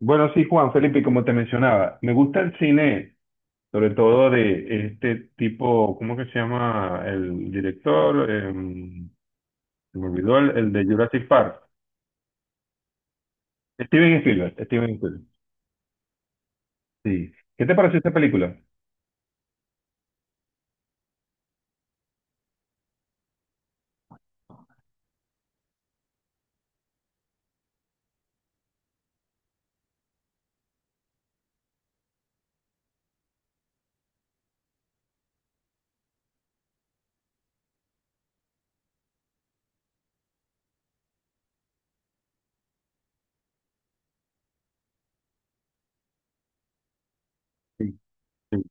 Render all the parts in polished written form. Bueno, sí, Juan Felipe, como te mencionaba, me gusta el cine, sobre todo de este tipo, ¿cómo que se llama el director? Se me olvidó el de Jurassic Park. Steven Spielberg, Steven Spielberg. Sí. ¿Qué te pareció esta película? Sí, sí.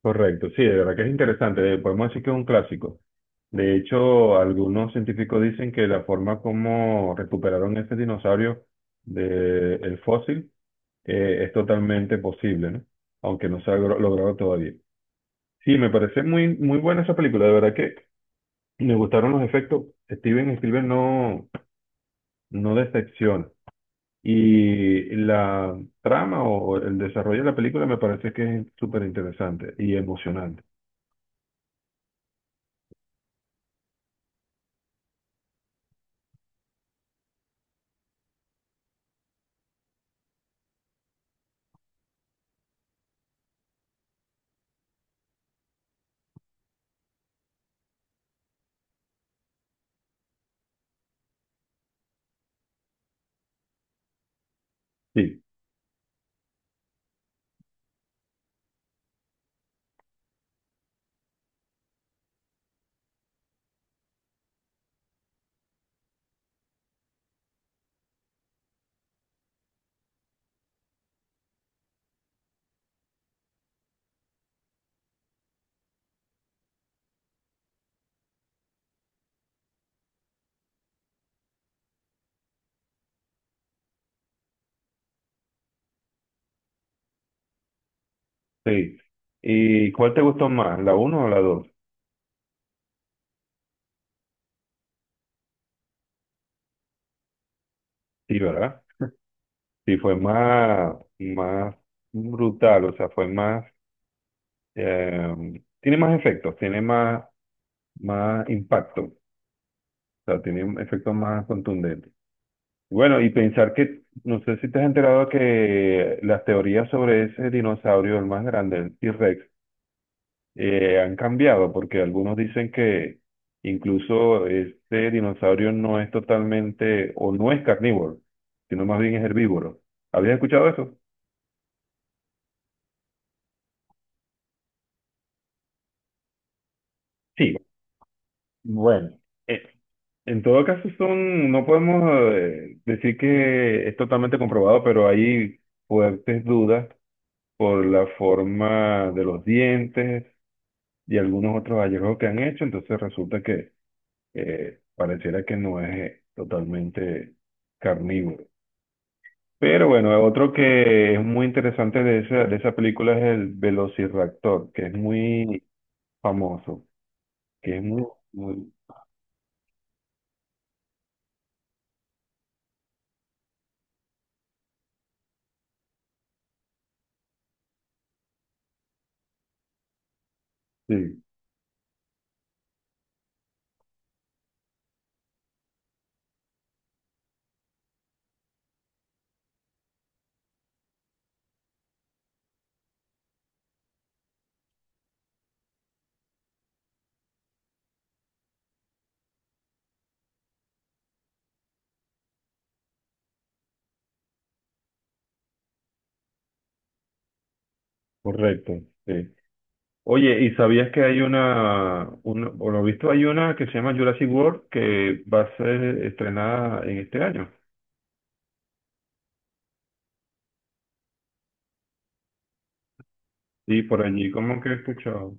Correcto, sí, de verdad que es interesante. Podemos decir que es un clásico. De hecho, algunos científicos dicen que la forma como recuperaron este dinosaurio del fósil es totalmente posible, ¿no? Aunque no se ha logrado todavía. Sí, me parece muy, muy buena esa película. De verdad que me gustaron los efectos. Steven Spielberg no, no decepciona. Y la trama o el desarrollo de la película me parece que es súper interesante y emocionante. Sí, sí. ¿Y cuál te gustó más, la uno o la dos? Sí, ¿verdad? Sí, fue más, más brutal, o sea, fue más, eh, tiene más efectos, tiene más, más impacto, o sea, tiene efectos más contundentes. Bueno, y pensar que, no sé si te has enterado que las teorías sobre ese dinosaurio, el más grande, el T-Rex, han cambiado, porque algunos dicen que incluso este dinosaurio no es totalmente o no es carnívoro, sino más bien es herbívoro. ¿Habías escuchado eso? Sí, bueno, Eh, en todo caso, son, no podemos decir que es totalmente comprobado, pero hay fuertes dudas por la forma de los dientes, y algunos otros hallazgos que han hecho, entonces resulta que pareciera que no es totalmente carnívoro. Pero bueno, otro que es muy interesante de esa película es el Velociraptor, que es muy famoso, que es muy, muy- sí, correcto, sí. Oye, ¿y sabías que hay una, por lo visto hay una que se llama Jurassic World que va a ser estrenada en este año? Sí, por allí como que he escuchado.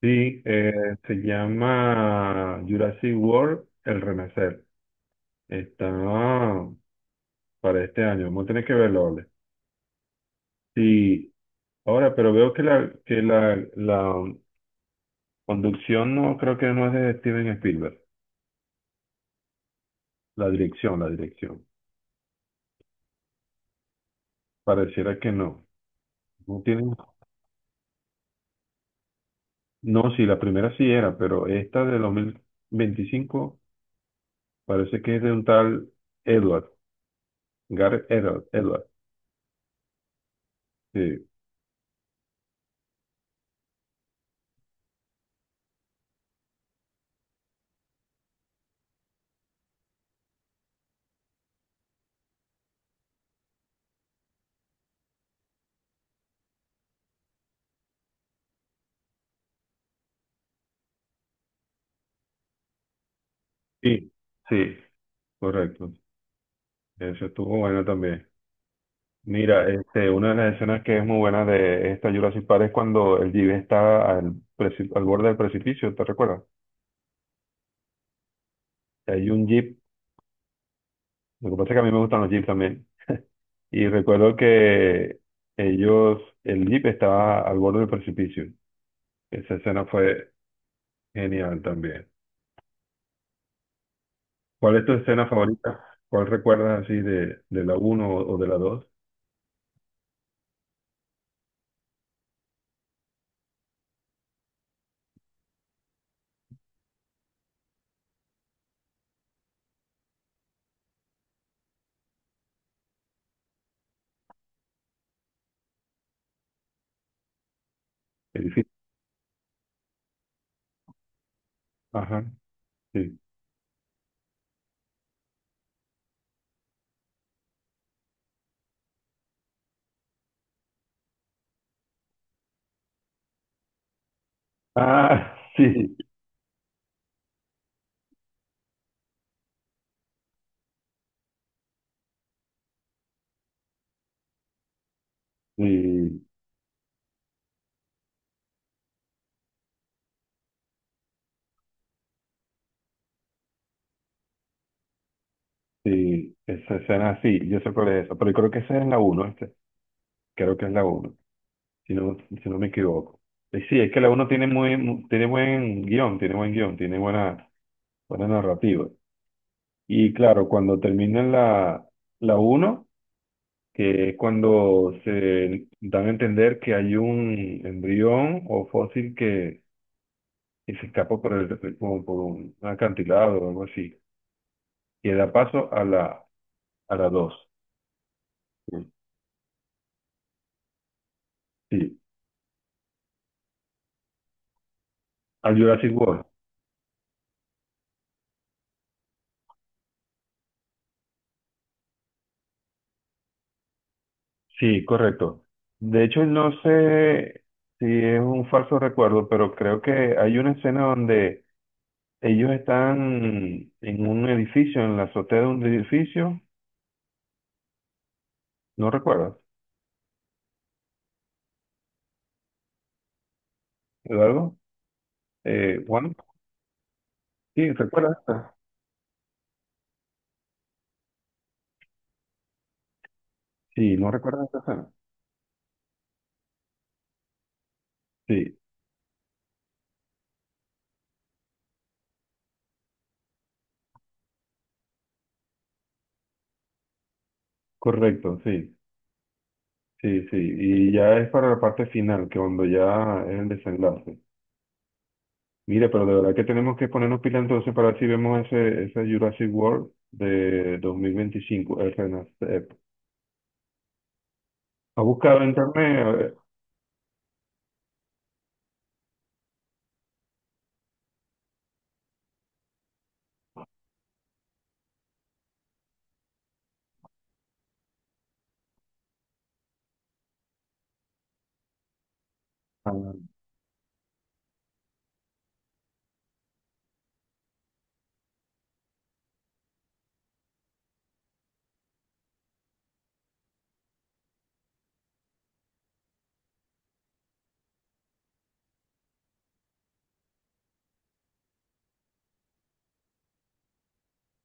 Sí, se llama Jurassic World El Renacer. Está para este año. Vamos a tener que verlo, ¿vale? Sí, ahora, pero veo que la conducción no creo que no es de Steven Spielberg. La dirección, la dirección. Pareciera que no. No tiene, no, sí, la primera sí era, pero esta de 2025 parece que es de un tal Edward, Gareth Edward, Edward. Sí, sí, sí, correcto. Eso estuvo bueno también. Mira, este, una de las escenas que es muy buena de esta Jurassic Park es cuando el jeep está al borde del precipicio, ¿te recuerdas? Hay un jeep, lo que pasa es que a mí me gustan los jeeps también, y recuerdo que ellos, el jeep estaba al borde del precipicio. Esa escena fue genial también. ¿Cuál es tu escena favorita? ¿Cuál recuerdas así de la uno o de la dos? Edificio. Ajá, sí. Ah, sí, sí, sí, esa escena, sí, yo sé cuál es esa, pero yo creo que esa es la una, creo que es la uno si no, si no me equivoco. Sí, es que la uno tiene muy, tiene buen guión, tiene buen guión, tiene buena, buena narrativa. Y claro, cuando termina la, la uno que es cuando se dan a entender que hay un embrión o fósil que se escapa por, el, como por un acantilado o algo así, que da paso a la dos. Sí, al Jurassic World. Sí, correcto. De hecho, no sé si es un falso recuerdo, pero creo que hay una escena donde ellos están en un edificio, en la azotea de un edificio. ¿No recuerdas? ¿Algo? Juan, sí, ¿recuerdas esta? Sí, ¿no recuerdas esta escena? Sí, correcto, sí, sí, sí. Y ya es para la parte final, que cuando ya es el desenlace. Mira, pero de verdad que tenemos que ponernos pila entonces para ver si vemos ese, ese Jurassic World de 2025, el Renacer. ¿Ha buscado en internet? A ver. Ah,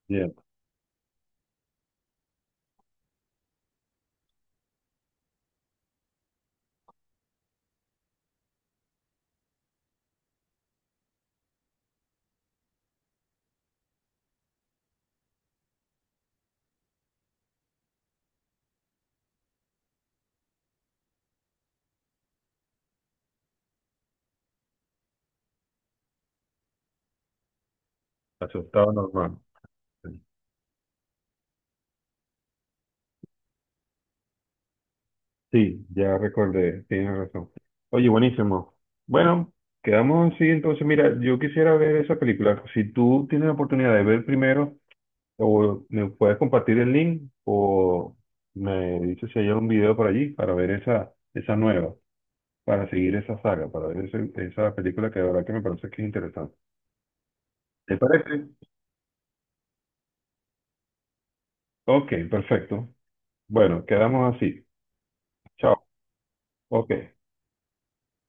bien, asustado normal. Sí, ya recordé, tienes razón. Oye, buenísimo. Bueno, quedamos así entonces. Mira, yo quisiera ver esa película. Si tú tienes la oportunidad de ver primero, o me puedes compartir el link, o me dices si hay algún video por allí para ver esa, esa nueva, para seguir esa saga, para ver esa película que de verdad que me parece que es interesante. ¿Te parece? Ok, perfecto. Bueno, quedamos así. Chao. Ok.